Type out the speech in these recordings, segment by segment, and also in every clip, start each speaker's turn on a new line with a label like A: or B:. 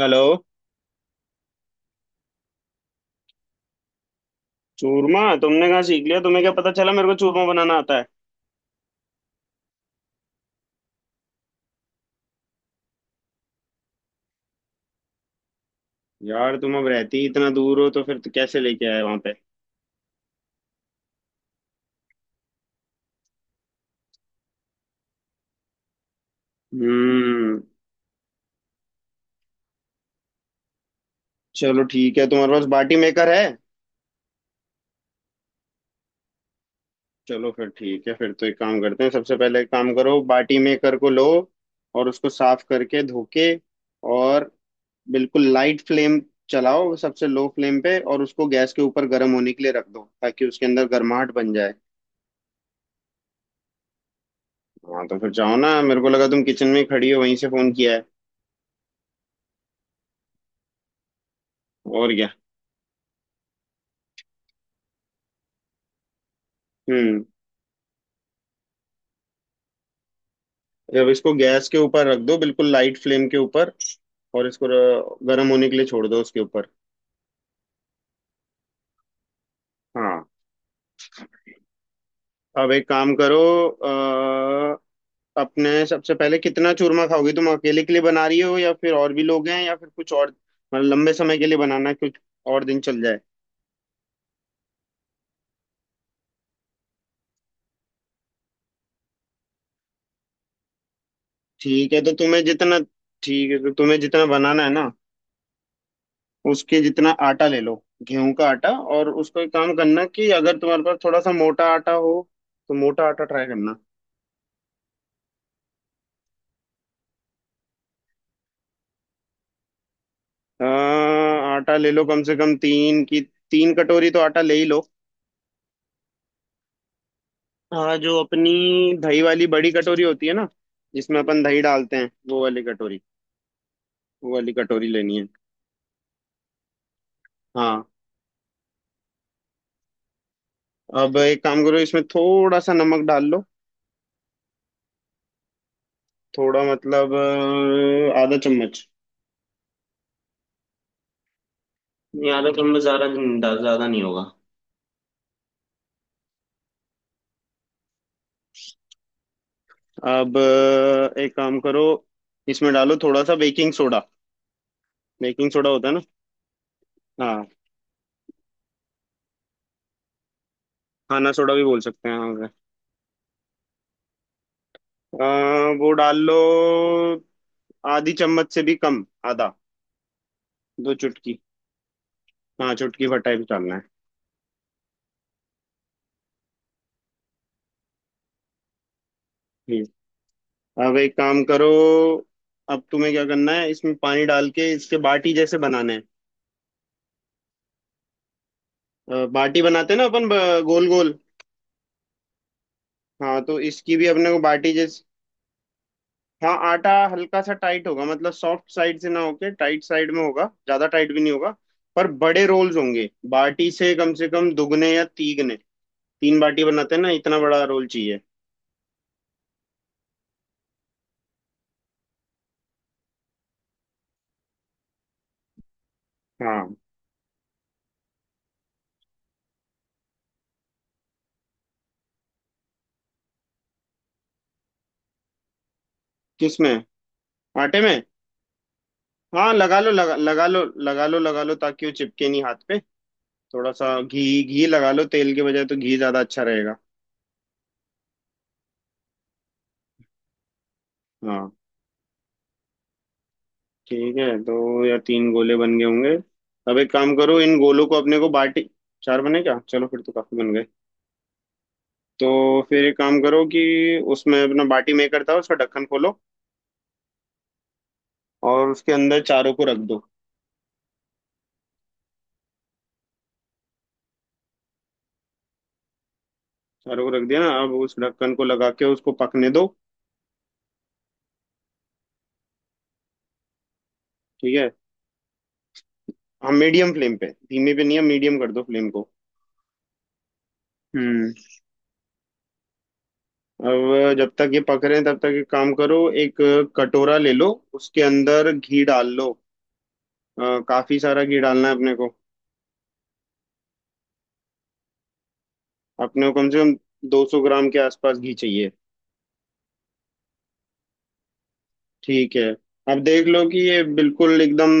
A: Hello. चूरमा तुमने कहाँ सीख लिया? तुम्हें क्या पता चला मेरे को चूरमा बनाना आता है? यार तुम अब रहती ही इतना दूर हो, तो फिर तो कैसे लेके आए वहां पे? हम्म। चलो ठीक है, तुम्हारे पास बाटी मेकर है? चलो फिर ठीक है, फिर तो एक काम करते हैं। सबसे पहले एक काम करो, बाटी मेकर को लो और उसको साफ करके धो के, और बिल्कुल लाइट फ्लेम चलाओ, सबसे लो फ्लेम पे, और उसको गैस के ऊपर गर्म होने के लिए रख दो ताकि उसके अंदर गर्माहट बन जाए। हाँ तो फिर जाओ ना, मेरे को लगा तुम किचन में ही खड़ी हो वहीं से फोन किया है। और क्या। हम्म। अब इसको गैस के ऊपर रख दो बिल्कुल लाइट फ्लेम के ऊपर, और इसको गर्म होने के लिए छोड़ दो उसके ऊपर। हाँ, अब एक काम करो। अ, अपने सबसे पहले कितना चूरमा खाओगी, तुम अकेले के लिए बना रही हो या फिर और भी लोग हैं या फिर कुछ और? मतलब लंबे समय के लिए बनाना है कुछ, और दिन चल जाए। ठीक है तो तुम्हें जितना, ठीक है तो तुम्हें जितना बनाना है ना, उसके जितना आटा ले लो, गेहूं का आटा। और उसको एक काम करना कि अगर तुम्हारे पास थोड़ा सा मोटा आटा हो तो मोटा आटा ट्राई करना। हाँ, आटा ले लो कम से कम तीन की, 3 कटोरी तो आटा ले ही लो। हाँ, जो अपनी दही वाली बड़ी कटोरी होती है ना, जिसमें अपन दही डालते हैं वो वाली कटोरी, वो वाली कटोरी लेनी है। हाँ, अब एक काम करो, इसमें थोड़ा सा नमक डाल लो। थोड़ा मतलब आधा चम्मच। नहीं, आधा चम्मच ज्यादा नहीं होगा। अब एक काम करो, इसमें डालो थोड़ा सा बेकिंग सोडा। बेकिंग सोडा होता है ना? हाँ, खाना सोडा भी बोल सकते हैं हाँ उसे। अ, वो डाल लो, आधी चम्मच से भी कम, आधा। दो चुटकी, हाँ चुटकी भर टाइप डालना है। हम्म। अब एक काम करो। अब तुम्हें क्या करना है, इसमें पानी डाल के इसके बाटी जैसे बनाना है। बाटी बनाते हैं ना अपन, गोल गोल। हाँ तो इसकी भी अपने को बाटी जैसे। हाँ आटा हल्का सा टाइट होगा, मतलब सॉफ्ट साइड से ना होके टाइट साइड में होगा, ज्यादा टाइट भी नहीं होगा। पर बड़े रोल्स होंगे बाटी से, कम से कम दुगने या तीगने। 3 बाटी बनाते हैं ना, इतना बड़ा रोल चाहिए। हाँ। किसमें? आटे में? हाँ, लगा लो, लगा, लगा लो, लगा लो, लगा लो, ताकि वो चिपके नहीं हाथ पे। थोड़ा सा घी। घी लगा लो, तेल के बजाय तो घी ज्यादा अच्छा रहेगा। हाँ ठीक है, दो या तीन गोले बन गए होंगे। अब एक काम करो, इन गोलों को अपने को बाटी। चार बने क्या, चलो फिर तो काफी बन गए। तो फिर एक काम करो कि उसमें अपना बाटी मेकर था उसका ढक्कन खोलो, और उसके अंदर चारों को रख दो। चारों को रख दिया ना, अब उस ढक्कन को लगा के उसको पकने दो। ठीक है, हाँ मीडियम फ्लेम पे, धीमे पे नहीं है, मीडियम कर दो फ्लेम को। हम्म। अब जब तक ये पक रहे हैं तब तक एक काम करो, एक कटोरा ले लो, उसके अंदर घी डाल लो। काफी सारा घी डालना है अपने को। अपने को कम से कम 200 ग्राम के आसपास घी चाहिए। ठीक है। अब देख लो कि ये बिल्कुल एकदम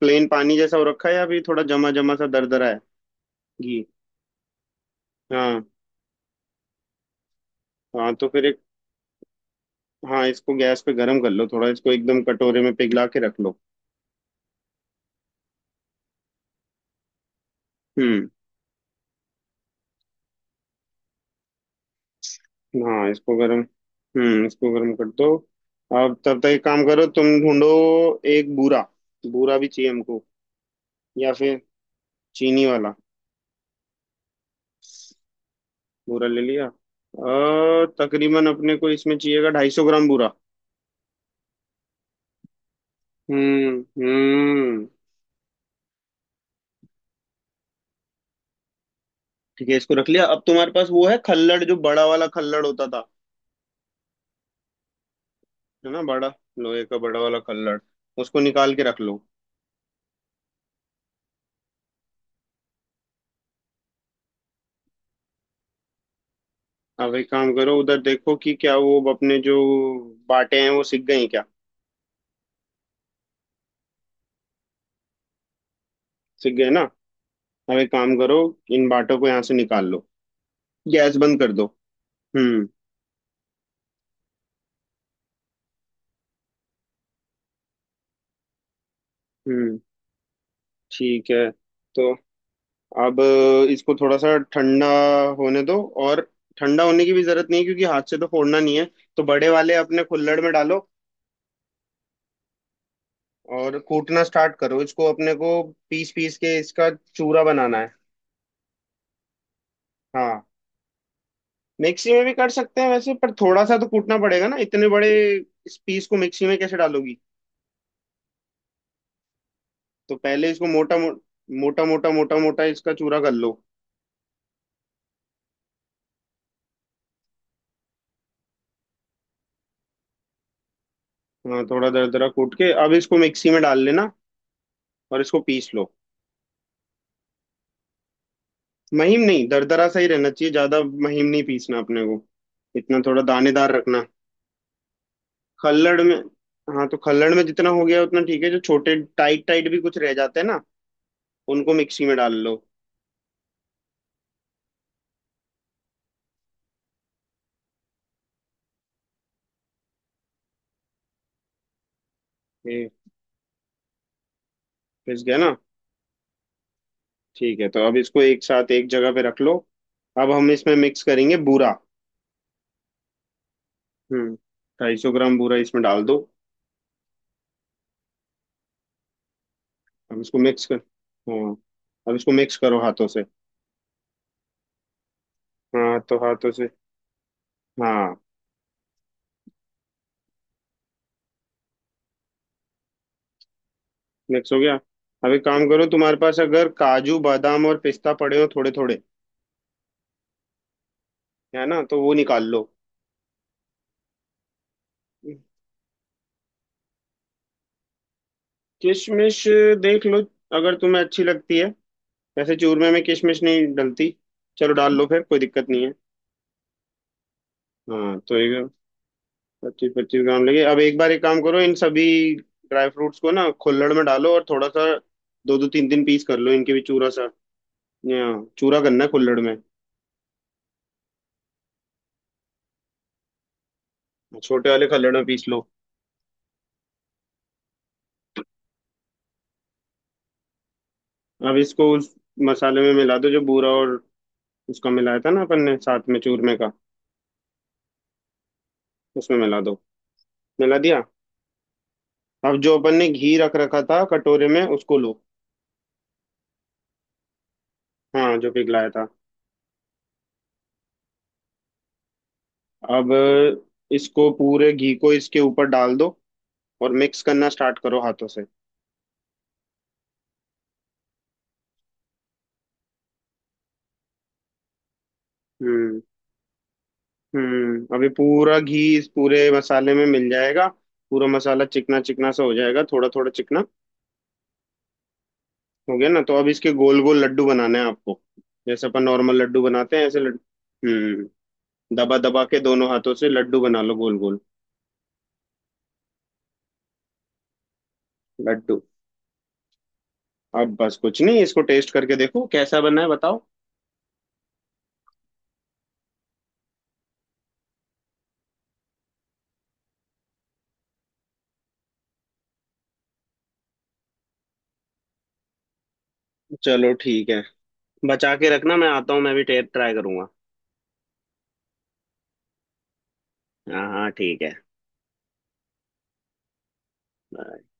A: प्लेन पानी जैसा हो रखा है या अभी थोड़ा जमा जमा सा दरदरा है। घी। हाँ, हाँ तो फिर एक, हाँ इसको गैस पे गर्म कर लो थोड़ा, इसको एकदम कटोरे में पिघला के रख लो। हम्म। हाँ इसको गर्म। हम्म, इसको गर्म कर दो। अब तब तक एक काम करो, तुम ढूंढो एक बूरा। बूरा भी चाहिए हमको, या फिर चीनी वाला। बूरा ले लिया, तकरीबन अपने को इसमें चाहिएगा 250 ग्राम बूरा। हम्म। ठीक है, इसको रख लिया। अब तुम्हारे पास वो है खल्लड़, जो बड़ा वाला खल्लड़ होता था, है ना बड़ा? लोहे का बड़ा वाला खल्लड़, उसको निकाल के रख लो। अब एक काम करो, उधर देखो कि क्या वो अपने जो बाटे हैं वो सिक गए हैं क्या? सिक गए ना, अब एक काम करो, इन बाटों को यहाँ से निकाल लो, गैस बंद कर दो। हम्म हम्म। ठीक है तो अब इसको थोड़ा सा ठंडा होने दो, और ठंडा होने की भी जरूरत नहीं है क्योंकि हाथ से तो फोड़ना नहीं है। तो बड़े वाले अपने कुल्हड़ में डालो, और कूटना स्टार्ट करो इसको, अपने को पीस पीस के इसका चूरा बनाना है। हाँ, मिक्सी में भी कर सकते हैं वैसे, पर थोड़ा सा तो कूटना पड़ेगा ना, इतने बड़े इस पीस को मिक्सी में कैसे डालोगी। तो पहले इसको मोटा मोटा मोटा मोटा इसका चूरा कर लो। हाँ, थोड़ा दरदरा कूट के अब इसको मिक्सी में डाल लेना और इसको पीस लो। महीन नहीं, दरदरा सा ही रहना चाहिए, ज्यादा महीन नहीं पीसना अपने को, इतना थोड़ा दानेदार रखना। खल्लड़ में? हाँ तो खल्लड़ में जितना हो गया उतना ठीक है, जो छोटे टाइट टाइट भी कुछ रह जाते हैं ना, उनको मिक्सी में डाल लो। ये पिस गया ना? ठीक है तो अब इसको एक साथ एक जगह पे रख लो, अब हम इसमें मिक्स करेंगे बूरा। हम्म। 250 ग्राम बूरा इसमें डाल दो, अब इसको मिक्स कर। हाँ अब इसको मिक्स करो हाथों से। हाँ तो हाथों से। हाँ, मिक्स हो गया। अब एक काम करो, तुम्हारे पास अगर काजू बादाम और पिस्ता पड़े हो थोड़े थोड़े, है ना, तो वो निकाल लो। किशमिश? देख लो, अगर तुम्हें अच्छी लगती है, वैसे चूरमे में किशमिश नहीं डलती। चलो डाल लो फिर, कोई दिक्कत नहीं है। हाँ तो एक, 25 25 ग्राम लगे। अब एक बार एक काम करो, इन सभी ड्राई फ्रूट्स को ना खुल्लड़ में डालो, और थोड़ा सा दो दो तीन तीन पीस कर लो, इनके भी चूरा सा, चूरा करना है खुल्लड़ में। छोटे वाले खल्लड़ में पीस लो। अब इसको उस मसाले में मिला दो, जो बूरा और उसका मिलाया था ना अपन ने साथ में चूरमे का, उसमें मिला दो। मिला दिया? अब जो अपन ने घी रख रखा था कटोरे में उसको लो। हाँ जो पिघलाया था। अब इसको पूरे घी को इसके ऊपर डाल दो, और मिक्स करना स्टार्ट करो हाथों से। हम्म हम्म। अभी पूरा घी इस पूरे मसाले में मिल जाएगा, पूरा मसाला चिकना चिकना सा हो जाएगा, थोड़ा थोड़ा चिकना। हो गया ना? तो अब इसके गोल गोल लड्डू बनाने हैं आपको, जैसे अपन नॉर्मल लड्डू बनाते हैं, ऐसे लड्डू। हम्म। दबा दबा के दोनों हाथों से लड्डू बना लो गोल गोल। लड्डू। अब बस कुछ नहीं, इसको टेस्ट करके देखो कैसा बना है, बताओ। चलो ठीक है, बचा के रखना, मैं आता हूँ मैं भी टेस्ट ट्राई करूंगा। हाँ हाँ ठीक है।